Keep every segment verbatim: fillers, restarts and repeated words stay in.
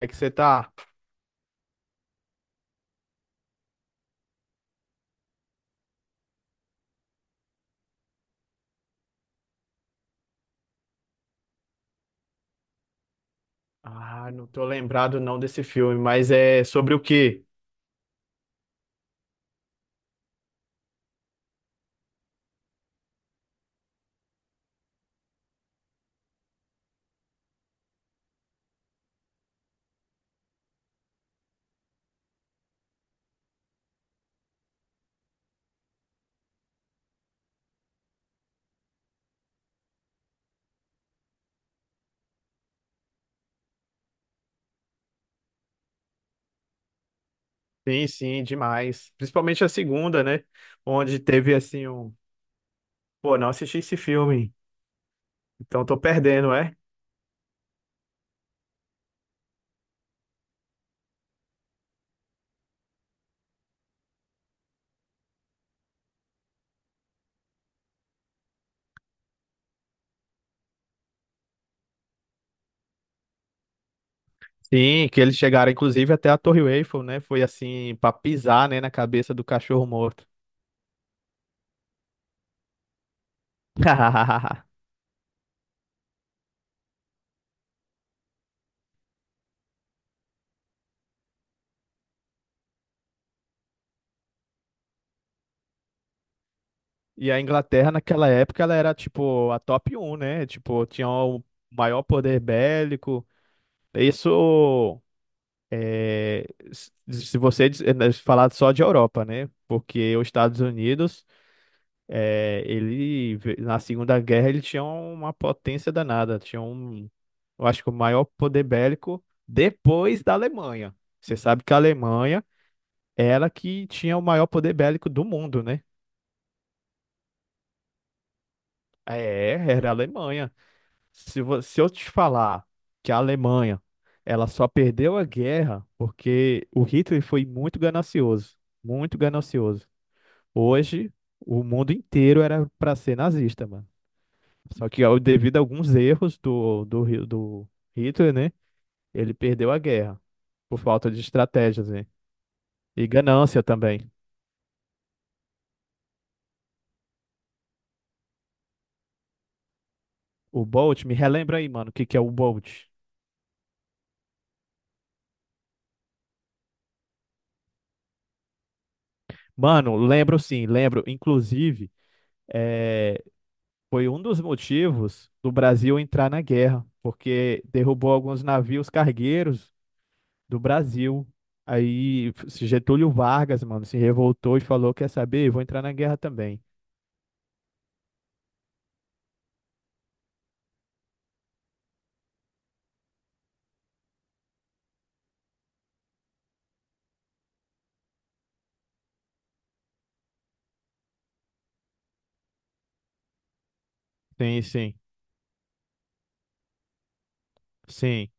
É que você tá? Ah, não tô lembrado não desse filme, mas é sobre o quê? Sim, sim, demais. Principalmente a segunda, né? Onde teve assim um. Pô, não assisti esse filme, então tô perdendo, é? Sim, que eles chegaram inclusive até a Torre Eiffel, né? Foi assim, pra pisar, né, na cabeça do cachorro morto. E a Inglaterra naquela época ela era tipo a top um, né? Tipo, tinha o maior poder bélico. Isso. É, s- se você dis- eh, né, falar só de Europa, né? Porque os Estados Unidos, eh, ele ve- na Segunda Guerra ele tinha uma potência danada, tinha um, eu acho que o maior poder bélico depois da Alemanha. Você sabe que a Alemanha era que tinha o maior poder bélico do mundo, né? É, era a Alemanha. Se, vo- se eu te falar que a Alemanha ela só perdeu a guerra porque o Hitler foi muito ganancioso, muito ganancioso. Hoje, o mundo inteiro era para ser nazista, mano. Só que ó, devido a alguns erros do, do, Hi- do Hitler, né? Ele perdeu a guerra por falta de estratégias, né? E ganância também. O Bolt, me relembra aí, mano, o que que é o Bolt? Mano, lembro sim, lembro. Inclusive, eh, foi um dos motivos do Brasil entrar na guerra, porque derrubou alguns navios cargueiros do Brasil. Aí f- Getúlio Vargas, mano, se revoltou e falou: Quer saber? Eu vou entrar na guerra também. Sim, sim, sim.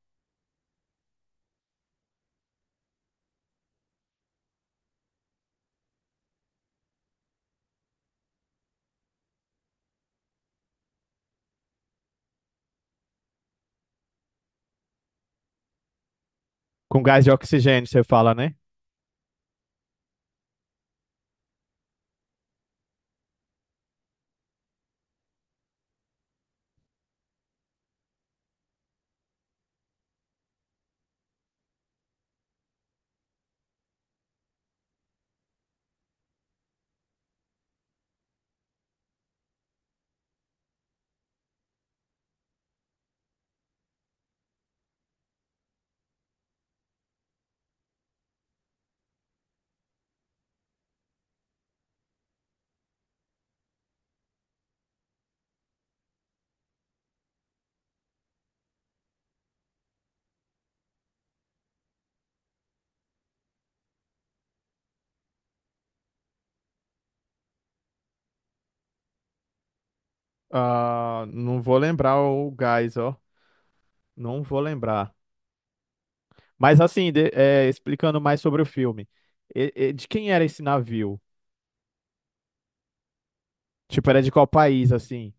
Com gás de oxigênio, você fala, né? Ah, não vou lembrar o gás, ó. Não vou lembrar. Mas assim, de- é, explicando mais sobre o filme. E- e- de quem era esse navio? Tipo, era de qual país, assim?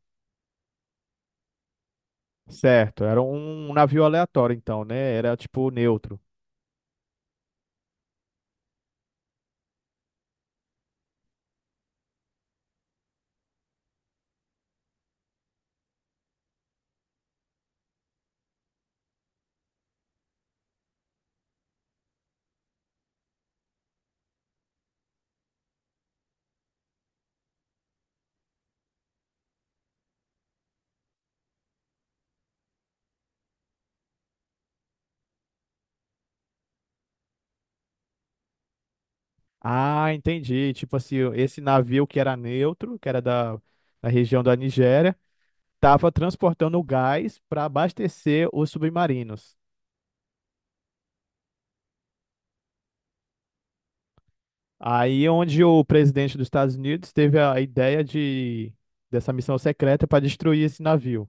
Certo, era um navio aleatório, então, né? Era tipo neutro. Ah, entendi. Tipo assim, esse navio que era neutro, que era da, da região da Nigéria, estava transportando gás para abastecer os submarinos. Aí onde o presidente dos Estados Unidos teve a ideia de dessa missão secreta para destruir esse navio.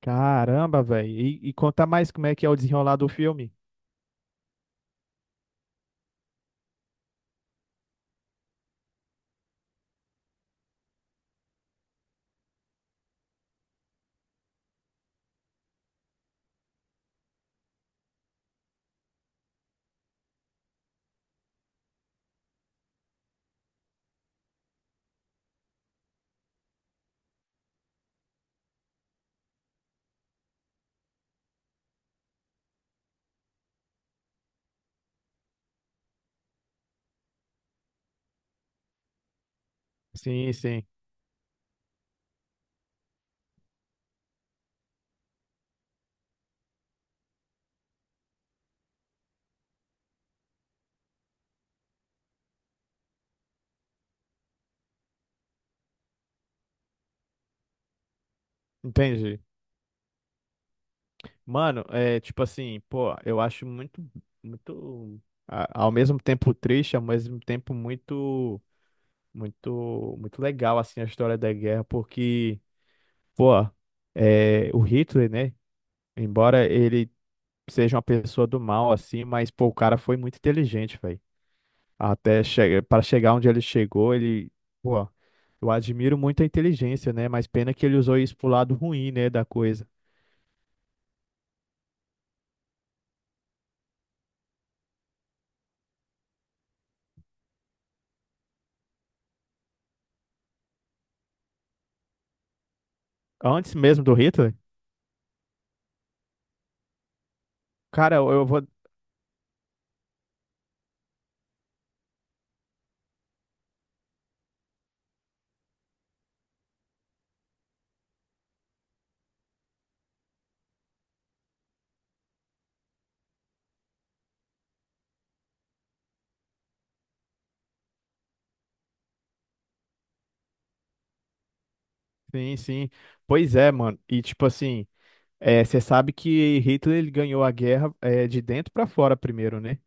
Caramba, velho. E, e conta mais como é que é o desenrolar do filme. Sim, sim. Entendi. Mano, é tipo assim, pô, eu acho muito, muito, a- ao mesmo tempo triste, ao mesmo tempo muito. Muito, muito legal, assim, a história da guerra, porque, pô, é, o Hitler, né? Embora ele seja uma pessoa do mal, assim, mas, pô, o cara foi muito inteligente, velho. Até che Para chegar onde ele chegou, ele, pô, eu admiro muito a inteligência, né? Mas pena que ele usou isso pro lado ruim, né, da coisa. Antes mesmo do Hitler, cara, eu eu vou. Sim, sim. Pois é, mano. E, tipo assim, é, você sabe que Hitler ele ganhou a guerra é, de dentro pra fora primeiro, né?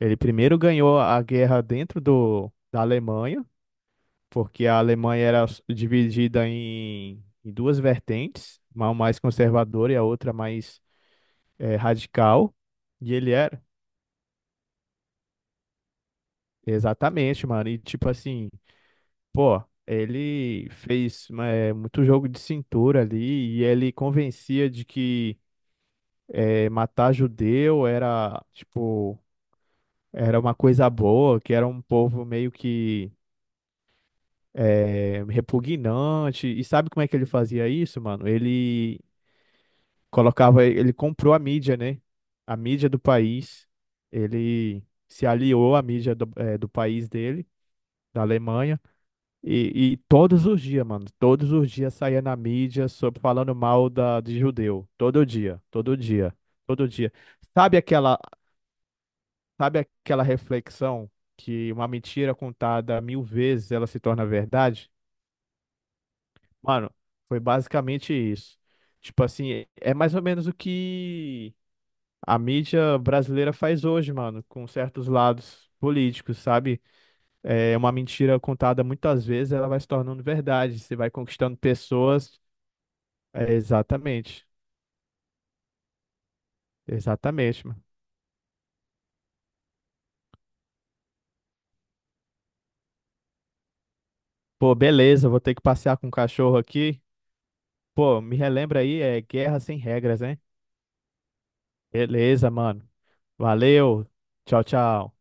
Ele primeiro ganhou a guerra dentro do, da Alemanha, porque a Alemanha era s- dividida em, em duas vertentes, uma mais conservadora e a outra mais eh, radical. E ele era, exatamente, mano. E tipo assim, pô, ele fez eh, muito jogo de cintura ali e ele convencia de que eh, matar judeu era, tipo, era uma coisa boa, que era um povo meio que é, repugnante. E sabe como é que ele fazia isso, mano? Ele colocava, ele comprou a mídia, né? A mídia do país. Ele se aliou à mídia do, é, do país dele, da Alemanha. E, e todos os dias, mano, todos os dias saía na mídia sobre falando mal da, de judeu. Todo dia, todo dia, todo dia. Sabe aquela, sabe aquela reflexão que uma mentira contada mil vezes ela se torna verdade? Mano, foi basicamente isso. Tipo assim, é é mais ou menos o que a mídia brasileira faz hoje, mano, com certos lados políticos, sabe? É uma mentira contada muitas vezes, ela vai se tornando verdade. Você vai conquistando pessoas. É, exatamente. Exatamente, mano. Pô, beleza, vou ter que passear com o cachorro aqui. Pô, me relembra aí, é guerra sem regras, hein? Beleza, mano. Valeu. Tchau, tchau.